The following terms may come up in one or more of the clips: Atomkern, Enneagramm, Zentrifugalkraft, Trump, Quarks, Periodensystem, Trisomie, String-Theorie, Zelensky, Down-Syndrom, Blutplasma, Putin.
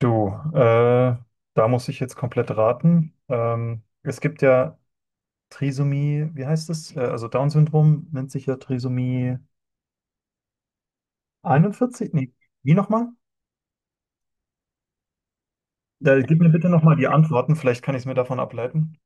Du, äh, da muss ich jetzt komplett raten. Es gibt ja Trisomie, wie heißt es? Also Down-Syndrom nennt sich ja Trisomie 41. Nee, wie nochmal? Da, gib mir bitte nochmal die Antworten, vielleicht kann ich es mir davon ableiten.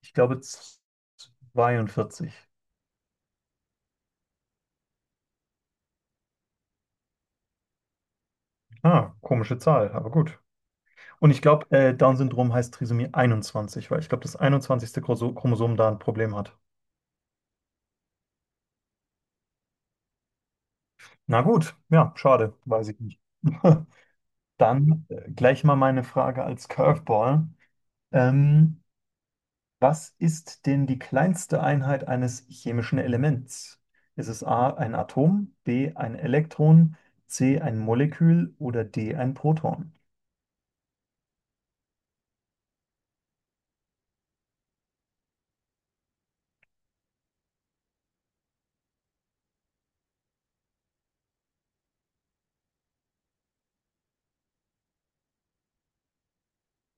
Ich glaube z- 42. Ah, komische Zahl, aber gut. Und ich glaube, Down-Syndrom heißt Trisomie 21, weil ich glaube, das 21. Chromosom da ein Problem hat. Na gut, ja, schade, weiß ich nicht. Dann gleich mal meine Frage als Curveball. Ähm, Was ist denn die kleinste Einheit eines chemischen Elements? Ist es A ein Atom, B ein Elektron, C ein Molekül oder D ein Proton?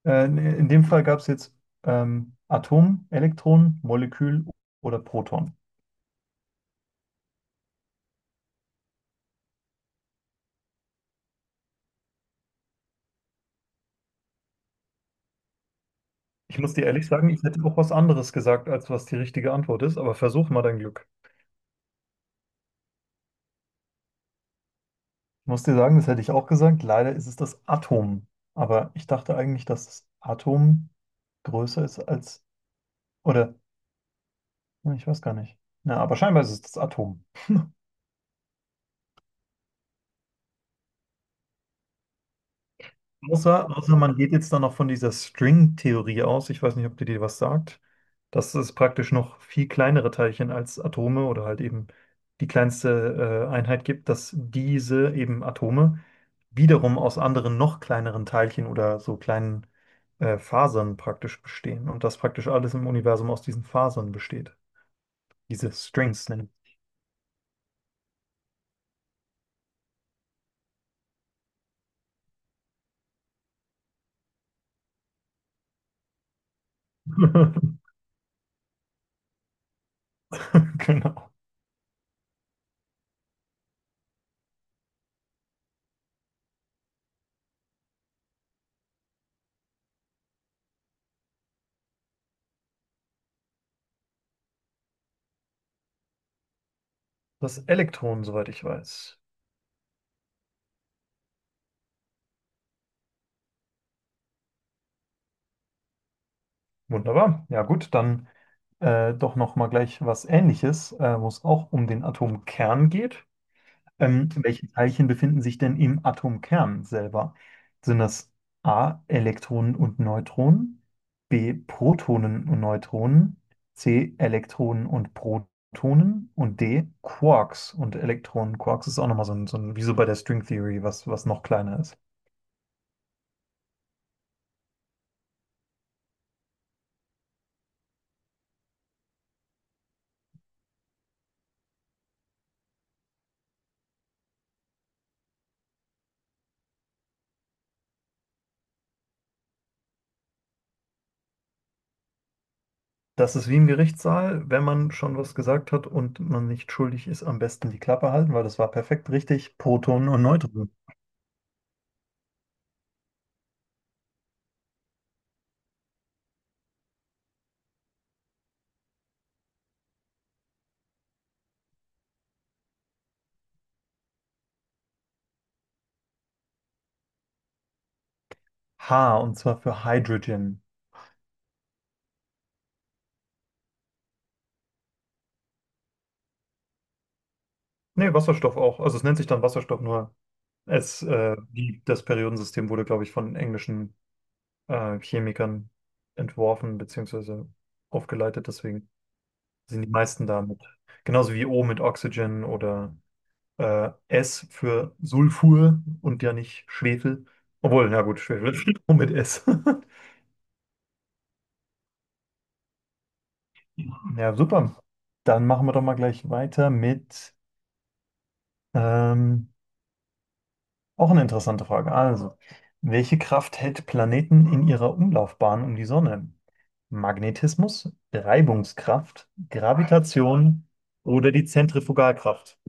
In dem Fall gab es jetzt Atom, Elektron, Molekül oder Proton. Ich muss dir ehrlich sagen, ich hätte auch was anderes gesagt, als was die richtige Antwort ist, aber versuch mal dein Glück. Ich muss dir sagen, das hätte ich auch gesagt. Leider ist es das Atom. Aber ich dachte eigentlich, dass das Atom größer ist als, oder, ne, ich weiß gar nicht. Na, aber scheinbar ist es das Atom. Außer man geht jetzt dann noch von dieser String-Theorie aus. Ich weiß nicht, ob die dir was sagt. Das ist praktisch noch viel kleinere Teilchen als Atome oder halt eben die kleinste Einheit gibt, dass diese eben Atome wiederum aus anderen noch kleineren Teilchen oder so kleinen Fasern praktisch bestehen und dass praktisch alles im Universum aus diesen Fasern besteht. Diese Strings nennen. Genau. Das Elektron, soweit ich weiß. Wunderbar. Ja gut, dann doch noch mal gleich was Ähnliches, wo es auch um den Atomkern geht. Welche Teilchen befinden sich denn im Atomkern selber? Sind das A, Elektronen und Neutronen, B, Protonen und Neutronen, C, Elektronen und Protonen und D, Quarks und Elektronen. Quarks ist auch nochmal so ein, wie so bei der String Theory, was noch kleiner ist. Das ist wie im Gerichtssaal, wenn man schon was gesagt hat und man nicht schuldig ist, am besten die Klappe halten, weil das war perfekt richtig. Protonen und Neutronen. H, und zwar für Hydrogen. Nee, Wasserstoff auch. Also es nennt sich dann Wasserstoff, nur das Periodensystem wurde, glaube ich, von englischen Chemikern entworfen beziehungsweise aufgeleitet. Deswegen sind die meisten damit. Genauso wie O mit Oxygen oder S für Sulfur und ja nicht Schwefel. Obwohl, na gut, Schwefel steht auch mit S. Ja, super. Dann machen wir doch mal gleich weiter mit ähm, auch eine interessante Frage. Also, welche Kraft hält Planeten in ihrer Umlaufbahn um die Sonne? Magnetismus, Reibungskraft, Gravitation oder die Zentrifugalkraft?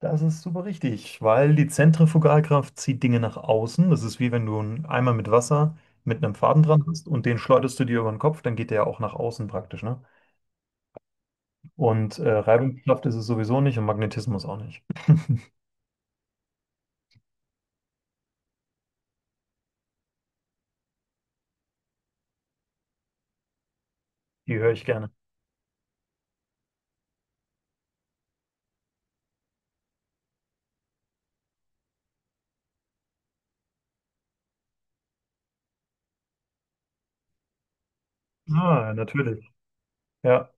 Das ist super richtig, weil die Zentrifugalkraft zieht Dinge nach außen. Das ist wie wenn du einen Eimer mit Wasser mit einem Faden dran Mhm. hast und den schleuderst du dir über den Kopf, dann geht der ja auch nach außen praktisch, ne? Und Reibungskraft ist es sowieso nicht und Magnetismus auch nicht. Die höre ich gerne. Ah, natürlich. Ja.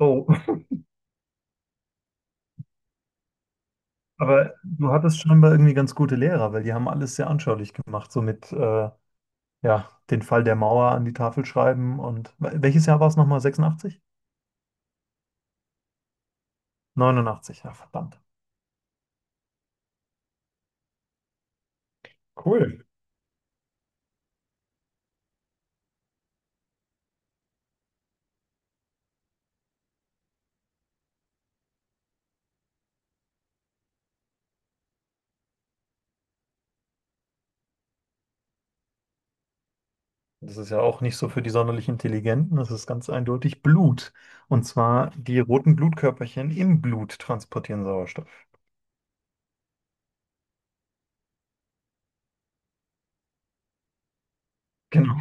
Oh, aber du hattest scheinbar irgendwie ganz gute Lehrer, weil die haben alles sehr anschaulich gemacht, so mit ja, den Fall der Mauer an die Tafel schreiben und welches Jahr war es nochmal? 86? 89, ja, verdammt. Cool. Das ist ja auch nicht so für die sonderlich Intelligenten. Das ist ganz eindeutig Blut. Und zwar die roten Blutkörperchen im Blut transportieren Sauerstoff. Genau.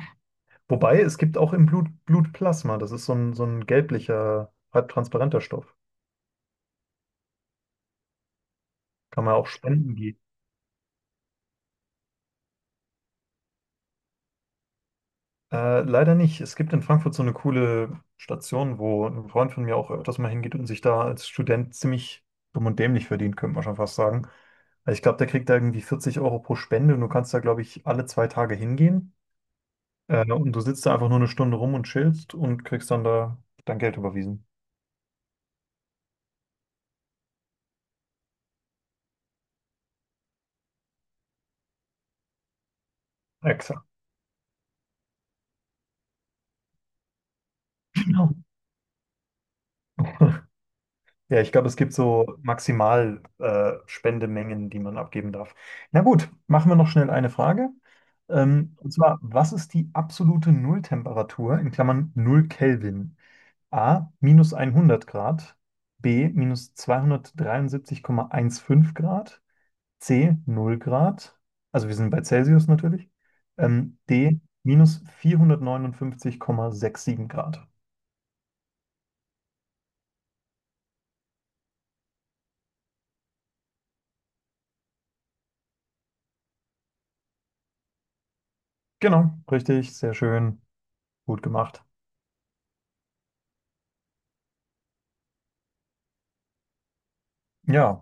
Wobei es gibt auch im Blut Blutplasma. Das ist so ein gelblicher, halb transparenter Stoff. Kann man auch spenden gehen. Leider nicht. Es gibt in Frankfurt so eine coole Station, wo ein Freund von mir auch öfters mal hingeht und sich da als Student ziemlich dumm und dämlich verdient, könnte man schon fast sagen. Also ich glaube, der kriegt da irgendwie 40 Euro pro Spende und du kannst da, glaube ich, alle 2 Tage hingehen. Und du sitzt da einfach nur eine Stunde rum und chillst und kriegst dann da dein Geld überwiesen. Exakt. Genau. Ja, ich glaube, es gibt so maximal Spendemengen, die man abgeben darf. Na gut, machen wir noch schnell eine Frage. Und zwar, was ist die absolute Nulltemperatur in Klammern null Kelvin? A, minus 100 Grad, B, minus 273,15 Grad, C null Grad, also wir sind bei Celsius natürlich, D minus 459,67 Grad. Genau, richtig, sehr schön, gut gemacht. Ja.